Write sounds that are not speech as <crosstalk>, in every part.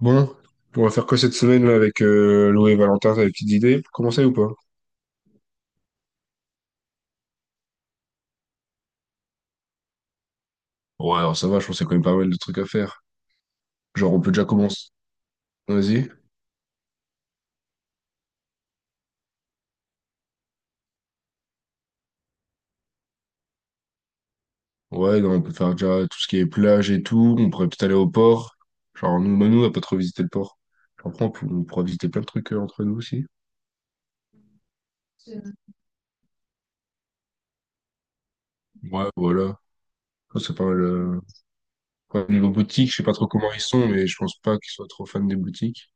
Bon, on va faire quoi cette semaine là avec Lou et Valentin? T'as des petites idées pour commencer ou pas? Ouais, alors ça va, je pense qu'il y a quand même pas mal de trucs à faire. Genre, on peut déjà commencer. Vas-y. Ouais, non, on peut faire déjà tout ce qui est plage et tout. On pourrait peut-être aller au port. Genre, nous, Manu, on va pas trop visiter le port. Après, on pourra visiter plein de trucs entre nous aussi. Ouais, voilà. Ça, c'est pas mal. Ouais, niveau boutique, je sais pas trop comment ils sont, mais je pense pas qu'ils soient trop fans des boutiques.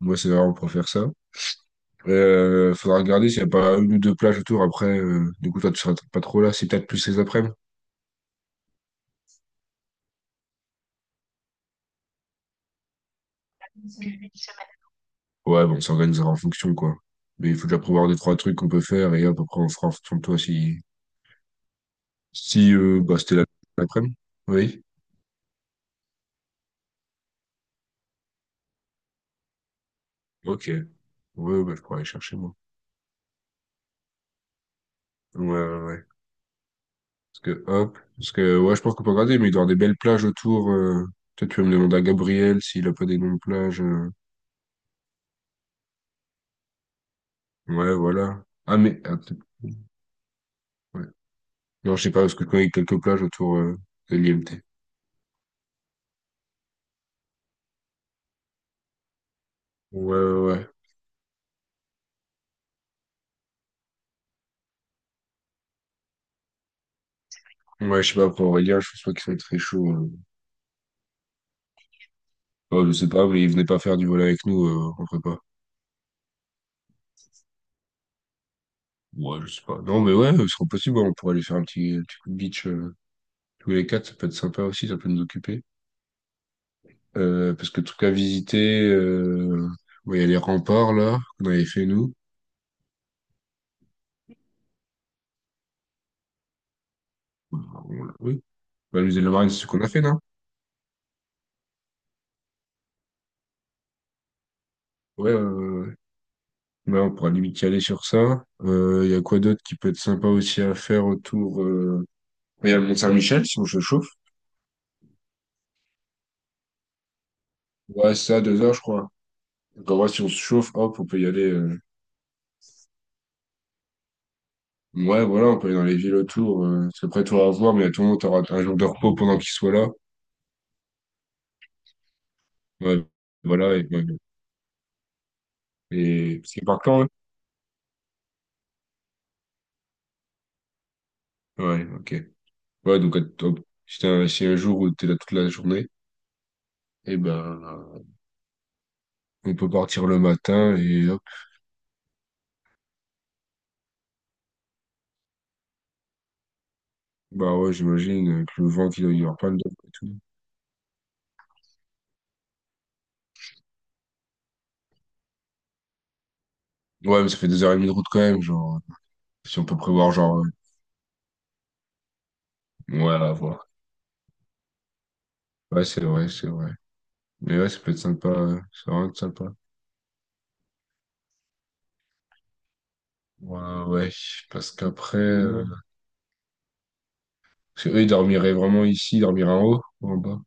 Moi, c'est vrai, on pourrait faire ça. Faudra regarder s'il n'y a pas une ou deux plages autour. Après, du coup, toi, tu seras pas trop là. C'est peut-être plus les après-midi. Ouais, bon, on s'organisera en fonction, quoi. Mais il faut déjà prévoir deux, trois trucs qu'on peut faire et hop, après, on fera en fonction de toi si, bah, l'après-midi. Oui. Ok. Ouais, bah, je pourrais aller chercher, moi. Ouais, ouais, ouais. Parce que, hop. Parce que, ouais, je pense qu'on peut regarder, mais il doit y avoir des belles plages autour. Peut-être tu vas me demander à Gabriel s'il a pas des noms de plages. Ouais, voilà. Ah, mais, attends, ouais. Non, je sais pas, parce que je connais quelques plages autour de l'IMT. Ouais, ouais, ouais. Ouais, je sais pas, pour Aurélien, je pense pas qu'il soit très chaud. Oh, je sais pas, mais il venait pas faire du vol avec nous en prépa. Ouais, je sais pas. Non, mais ouais, ce serait possible, ouais, on pourrait aller faire un petit coup de beach tous les quatre, ça peut être sympa aussi, ça peut nous occuper. Parce que truc à visiter, ouais, il y a les remparts, là, qu'on avait fait, nous. Oui. Bah, le musée de la Marine, c'est ce qu'on a fait, non? Ouais, ouais, ouais, ouais. Ouais, on pourra limite y aller sur ça. Il y a quoi d'autre qui peut être sympa aussi à faire autour... Il y a le Mont-Saint-Michel, si on se chauffe. Ouais, c'est ça, deux heures, je crois. Genre, ouais, si on se chauffe, hop, on peut y aller. Ouais, voilà, on peut aller dans les villes autour. Parce qu'après, toi, à voir, mais à tout le monde, t'auras un jour de repos pendant qu'il soit là. Ouais, voilà. Et, ouais. Et... parce qu'il part quand, hein? Ouais, ok. Ouais, hop, si t'as un... si un jour où t'es là toute la journée, et ben, euh, on peut partir le matin et hop. Bah ouais, j'imagine que le vent, qu'il doit y avoir plein de dents et tout. Ouais, mais ça fait deux heures et demie de route quand même, genre. Si on peut prévoir, genre, ouais, à voir. Ouais, c'est vrai, c'est vrai. Mais ouais, ça peut être sympa. Ça va être sympa. Ouais, ouais, parce qu'après, parce que eux, ils dormiraient vraiment ici, ils dormiraient en haut ou en bas.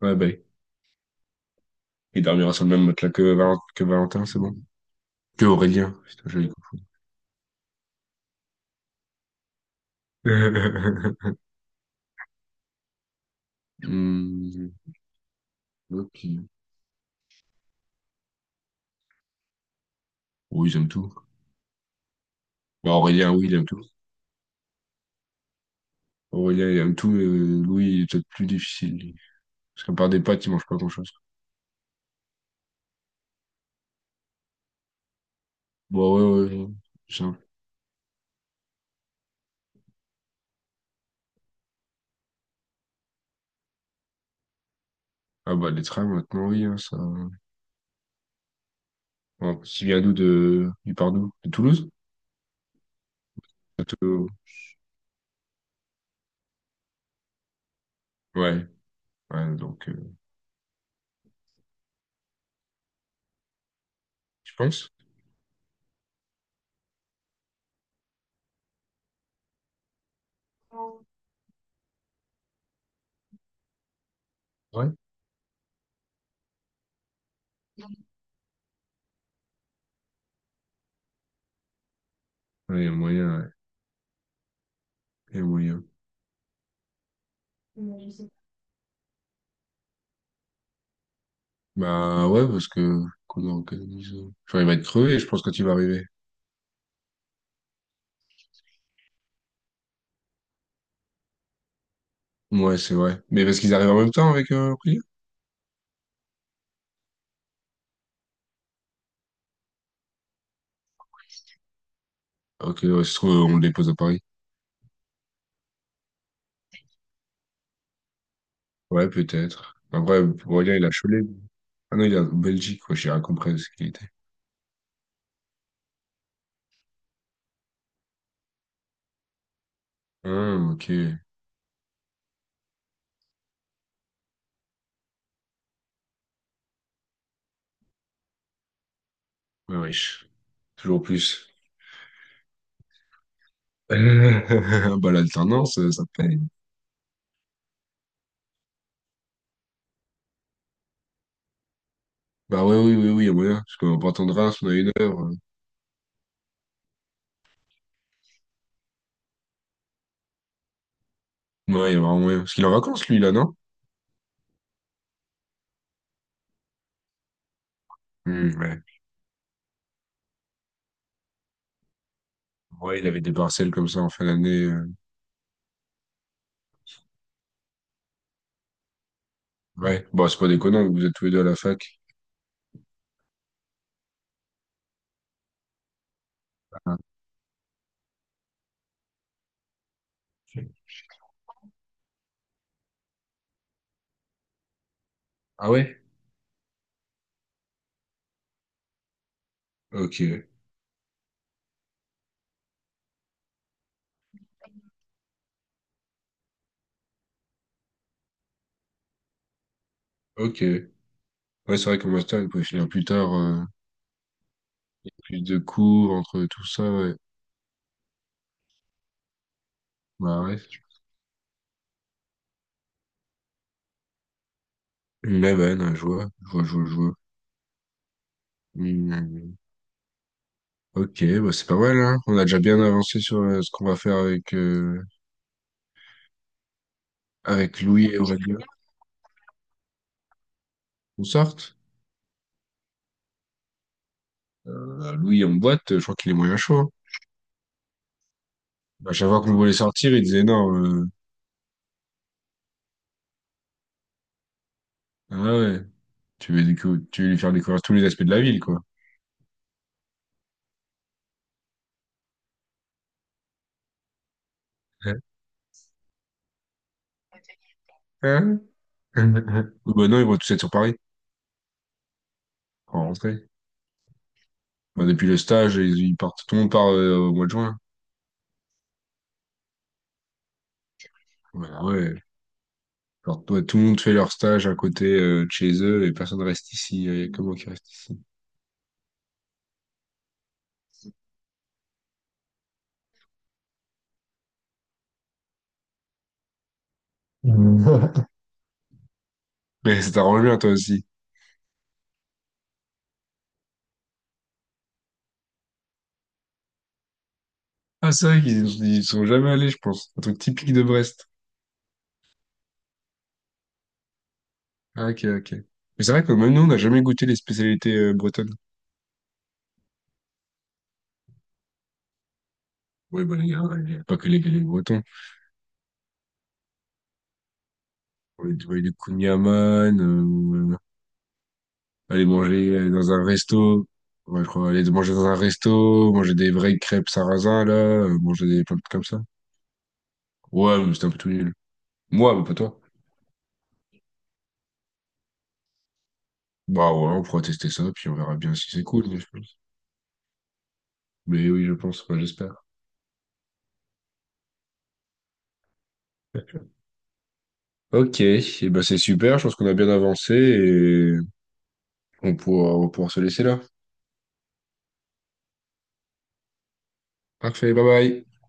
Ouais, bah, ils dormiraient sur le même matelas que Valentin, c'est bon. Que Aurélien, putain, j'avais quoi. <laughs> Hmm, ok. Oui, ils aiment tout. Bah, Aurélien, oui, il aime tout. Aurélien, il aime tout, mais Louis, il est peut-être plus difficile, lui. Parce qu'à part des pâtes, il mange pas grand-chose. Bon, ouais, ouais, ça. Ah bah, les trains, maintenant, oui, hein, ça... Bon, il vient d'où, de... il part d'où? De Toulouse? De Toulouse. Ouais, ouais, donc, tu penses? Ouais, il y a moyen, ouais. Il y a moyen. Bah ouais, parce que qu'on organise. Enfin, il va être crevé, je pense, quand il va arriver. Ouais, c'est vrai. Mais parce qu'ils arrivent en même temps avec Aurélien? Ok, ouais, se trouve, on le dépose à Paris. Ouais, peut-être. Après, Aurélien, il a Cholet. Ah non, il est en Belgique, quoi, j'ai rien compris de ce qu'il était. Ah, ok. Ouais, riche. Toujours plus. <laughs> Bah, l'alternance, ça paye. Bah ouais, oui, oui, oui, il y a moyen. Parce qu'on va pas attendre si on a une heure. Ouais, il y a vraiment moyen. Parce qu'il est en vacances, lui, là, non? Hmm, ouais. Ouais, il avait des partiels comme ça en fin d'année. Ouais, bon, c'est pas déconnant, vous êtes tous les deux à la fac. Ah. Ah ouais? Ok, ok. Ouais, c'est vrai qu'en master, il pouvait finir plus tard, plus de cours, entre tout ça, ouais. Bah ouais. Mais ouais, non, je vois, je vois, je vois, je vois. Hmm, ok, bah c'est pas mal, hein. On a déjà bien avancé sur ce qu'on va faire avec, avec Louis et Aurélien. On sorte? Louis en boîte, je crois qu'il est moyen chaud, hein. À chaque fois qu'on voulait sortir, il disait non. Ah ouais, tu veux lui faire découvrir tous les aspects de la ville, quoi. Hein? Oui. Bah non, ils vont tous être sur Paris en rentrée. Bah, depuis le stage, ils partent, tout le monde part au mois de juin. Ouais, bah, ouais. Alors, toi, tout le monde fait leur stage à côté de chez eux et personne reste ici. Comment qui reste ici? Mm. <laughs> Mais ça t'arrange bien, toi aussi. Ah, c'est vrai qu'ils sont jamais allés, je pense. Un truc typique de Brest. Ah, ok, ok. Mais c'est vrai que même nous, on n'a jamais goûté les spécialités bretonnes. Oui, bah, les gars il y a pas que les Bretons. On a des, ouais, des kouign-amann, aller manger dans un resto, ouais, je crois, aller manger dans un resto, manger des vraies crêpes sarrasin, là, manger des plein de trucs comme ça. Ouais, mais c'était un peu tout nul. Moi, mais pas toi. Bah ouais, on pourra tester ça, puis on verra bien si c'est cool, mais je pense. Mais oui, je pense, enfin, j'espère. Ok, et bah c'est super, je pense qu'on a bien avancé et on pourra se laisser là. Parfait, bye bye.